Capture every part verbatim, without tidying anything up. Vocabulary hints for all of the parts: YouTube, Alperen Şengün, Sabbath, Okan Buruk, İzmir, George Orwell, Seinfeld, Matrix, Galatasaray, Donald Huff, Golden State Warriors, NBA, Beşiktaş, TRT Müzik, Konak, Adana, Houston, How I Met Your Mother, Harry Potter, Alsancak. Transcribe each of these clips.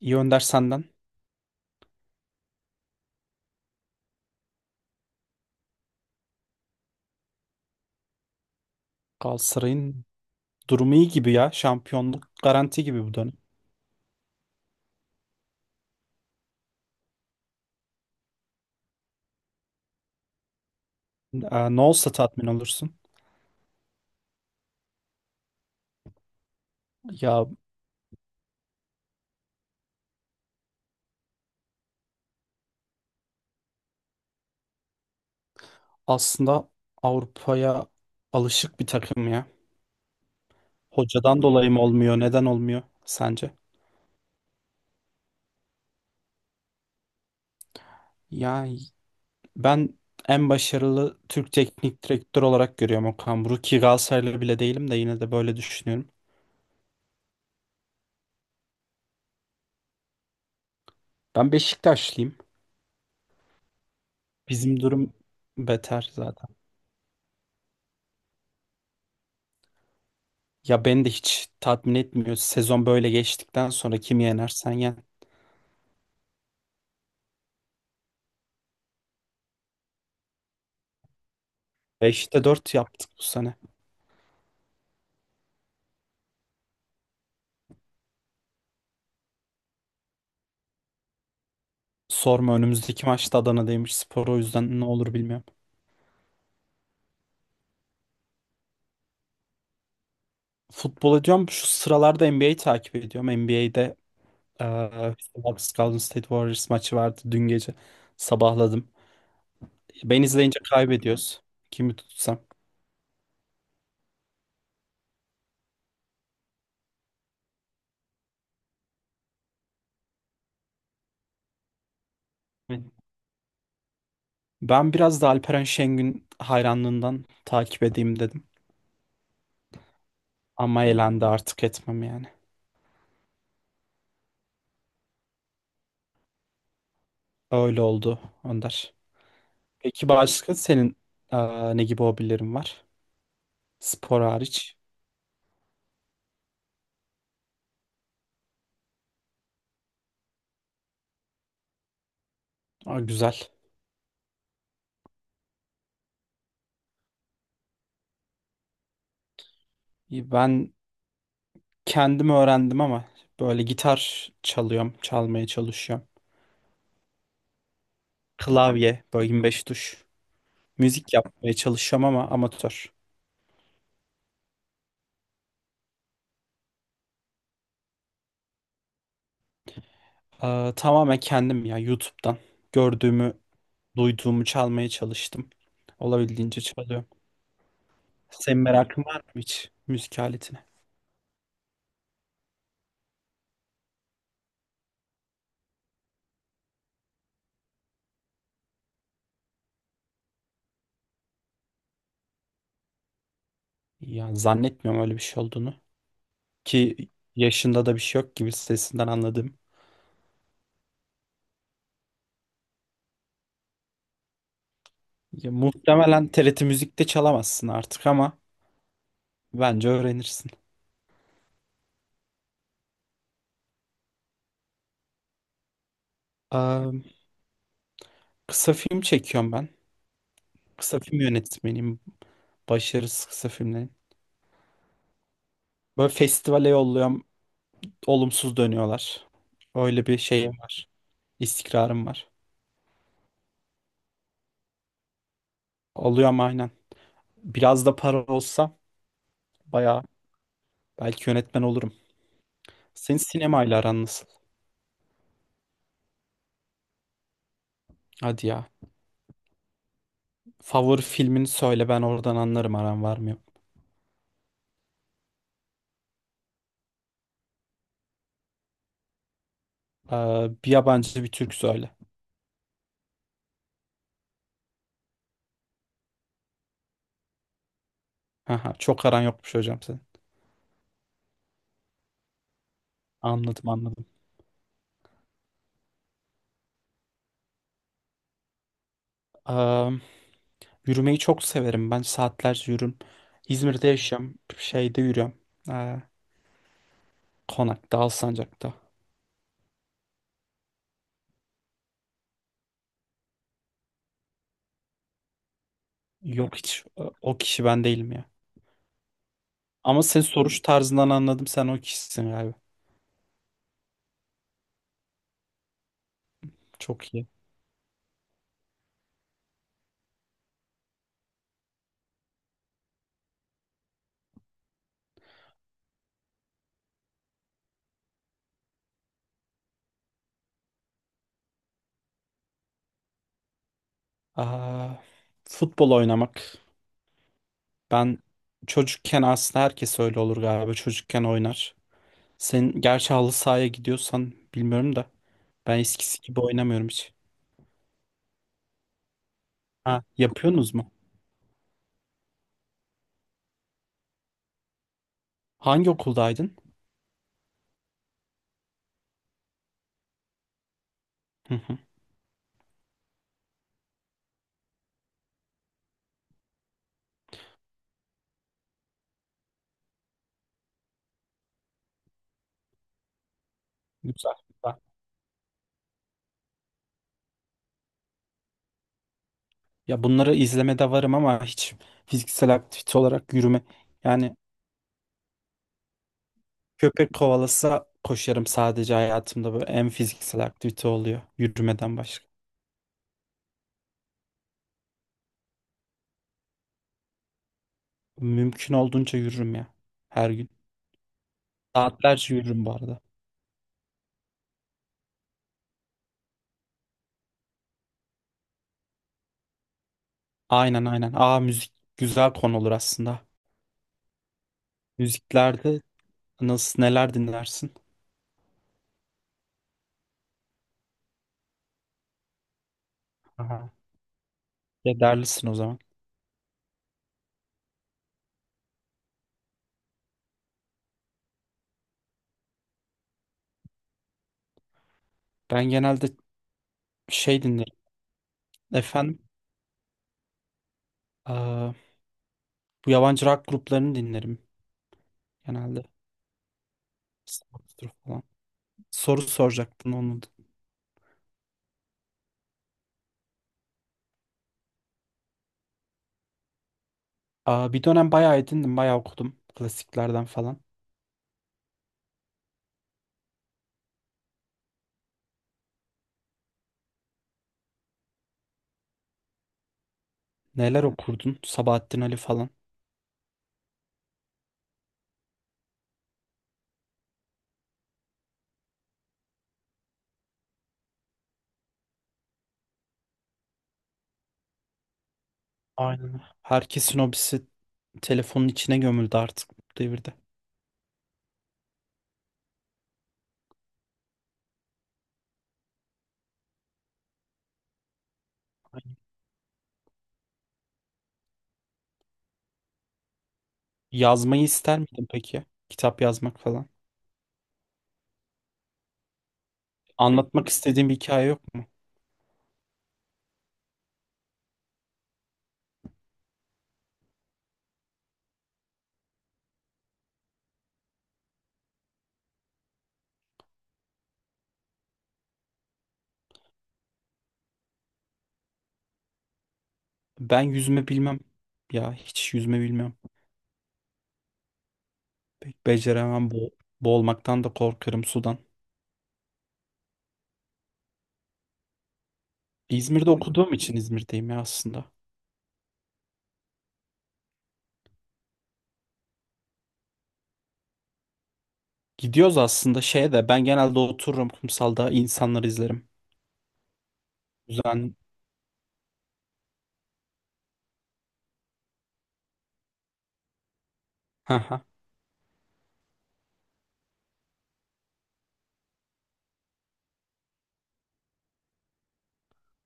İyi Önder senden. Galatasaray'ın durumu iyi gibi ya. Şampiyonluk garanti gibi bu dönem. Ee, ne olsa tatmin olursun. Ya aslında Avrupa'ya alışık bir takım ya. Hocadan dolayı mı olmuyor? Neden olmuyor sence? Yani ben en başarılı Türk teknik direktör olarak görüyorum Okan Buruk ki Galatasaraylı bile değilim de yine de böyle düşünüyorum. Ben Beşiktaşlıyım. Bizim durum beter zaten. Ya beni de hiç tatmin etmiyor. Sezon böyle geçtikten sonra kim yenersen yen. beşte dört yaptık bu sene. Sorma önümüzdeki maçta Adana'daymış spor o yüzden ne olur bilmiyorum. Futbol ediyorum. Şu sıralarda N B A'yi takip ediyorum. N B A'de eee Houston Golden State Warriors maçı vardı dün gece. Sabahladım. Ben izleyince kaybediyoruz. Kimi tutsam. Ben biraz da Alperen Şengün hayranlığından takip edeyim dedim. Ama elendi artık etmem yani. Öyle oldu Önder. Peki başka senin eee, ne gibi hobilerin var? Spor hariç. Aa, güzel. Ben kendim öğrendim ama böyle gitar çalıyorum, çalmaya çalışıyorum. Klavye, böyle yirmi beş tuş. Müzik yapmaya çalışıyorum ama amatör. Ee, tamamen kendim ya, YouTube'dan gördüğümü, duyduğumu çalmaya çalıştım. Olabildiğince çalıyorum. Senin merakın var mı hiç müzik aletine? Ya zannetmiyorum öyle bir şey olduğunu. Ki yaşında da bir şey yok gibi, sesinden anladım. Ya, muhtemelen T R T Müzik'te çalamazsın artık ama bence öğrenirsin. Ee, Kısa film çekiyorum ben. Kısa film yönetmeniyim. Başarısız kısa filmlerin. Böyle festivale yolluyorum. Olumsuz dönüyorlar. Öyle bir şeyim var. İstikrarım var. Alıyorum aynen. Biraz da para olsa bayağı belki yönetmen olurum. Senin sinemayla aran nasıl? Hadi ya. Favori filmini söyle, ben oradan anlarım aran var mı yok. Ee, bir yabancı bir Türk söyle. Aha, çok aran yokmuş hocam senin. Anladım anladım. Ee, Yürümeyi çok severim. Ben saatlerce yürürüm. İzmir'de yaşıyorum. Şeyde yürüyorum. Ee, Konak'ta, Alsancak'ta. Yok hiç e, o kişi ben değilim ya. Ama senin soruş tarzından anladım sen o kişisin galiba. Çok iyi. Aa, futbol oynamak. Ben çocukken, aslında herkes öyle olur galiba. Çocukken oynar. Sen gerçi halı sahaya gidiyorsan bilmiyorum da. Ben eskisi gibi oynamıyorum hiç. Ha, yapıyorsunuz mu? Hangi okuldaydın? Hı hı. Güzel. Ya bunları izlemede varım ama hiç fiziksel aktivite olarak yürüme. Yani köpek kovalasa koşarım sadece, hayatımda böyle en fiziksel aktivite oluyor yürümeden başka. Mümkün olduğunca yürürüm ya, her gün. Saatlerce yürürüm bu arada. Aynen aynen. Aa, müzik güzel konu olur aslında. Müziklerde nasıl, neler dinlersin? Aha. Kederlisin o zaman. Ben genelde şey dinlerim. Efendim, aa, bu yabancı rock gruplarını dinlerim genelde. Sabbath'tır falan. Soru soracaktın onu. Aa, bir dönem bayağı edindim, bayağı okudum klasiklerden falan. Neler okurdun? Sabahattin Ali falan. Aynen. Herkesin hobisi telefonun içine gömüldü artık bu devirde. Aynen. Yazmayı ister miydin peki? Kitap yazmak falan. Anlatmak istediğin bir hikaye yok mu? Ben yüzme bilmem. Ya hiç yüzme bilmem. Pek beceremem bo. Boğulmaktan da korkarım sudan. İzmir'de okuduğum için İzmir'deyim ya aslında. Gidiyoruz aslında, şeye de ben genelde otururum kumsalda insanları izlerim. Düzen. Haha.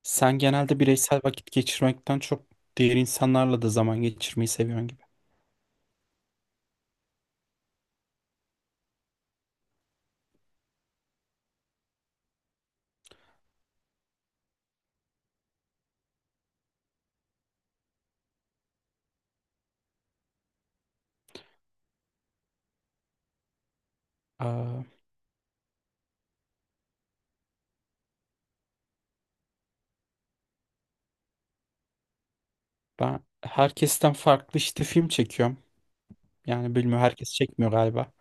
Sen genelde bireysel vakit geçirmekten çok diğer insanlarla da zaman geçirmeyi seviyorsun gibi. Aa, ben herkesten farklı işte film çekiyorum. Yani bilmiyorum, herkes çekmiyor galiba.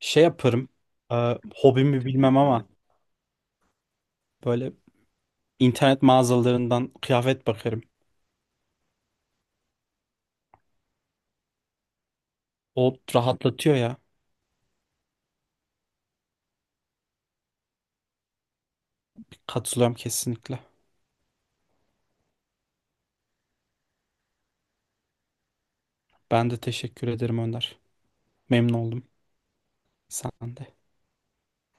Şey yaparım. Aa, hobimi bilmem ama böyle internet mağazalarından kıyafet bakarım. O rahatlatıyor ya. Katılıyorum kesinlikle. Ben de teşekkür ederim Önder. Memnun oldum. Sen de.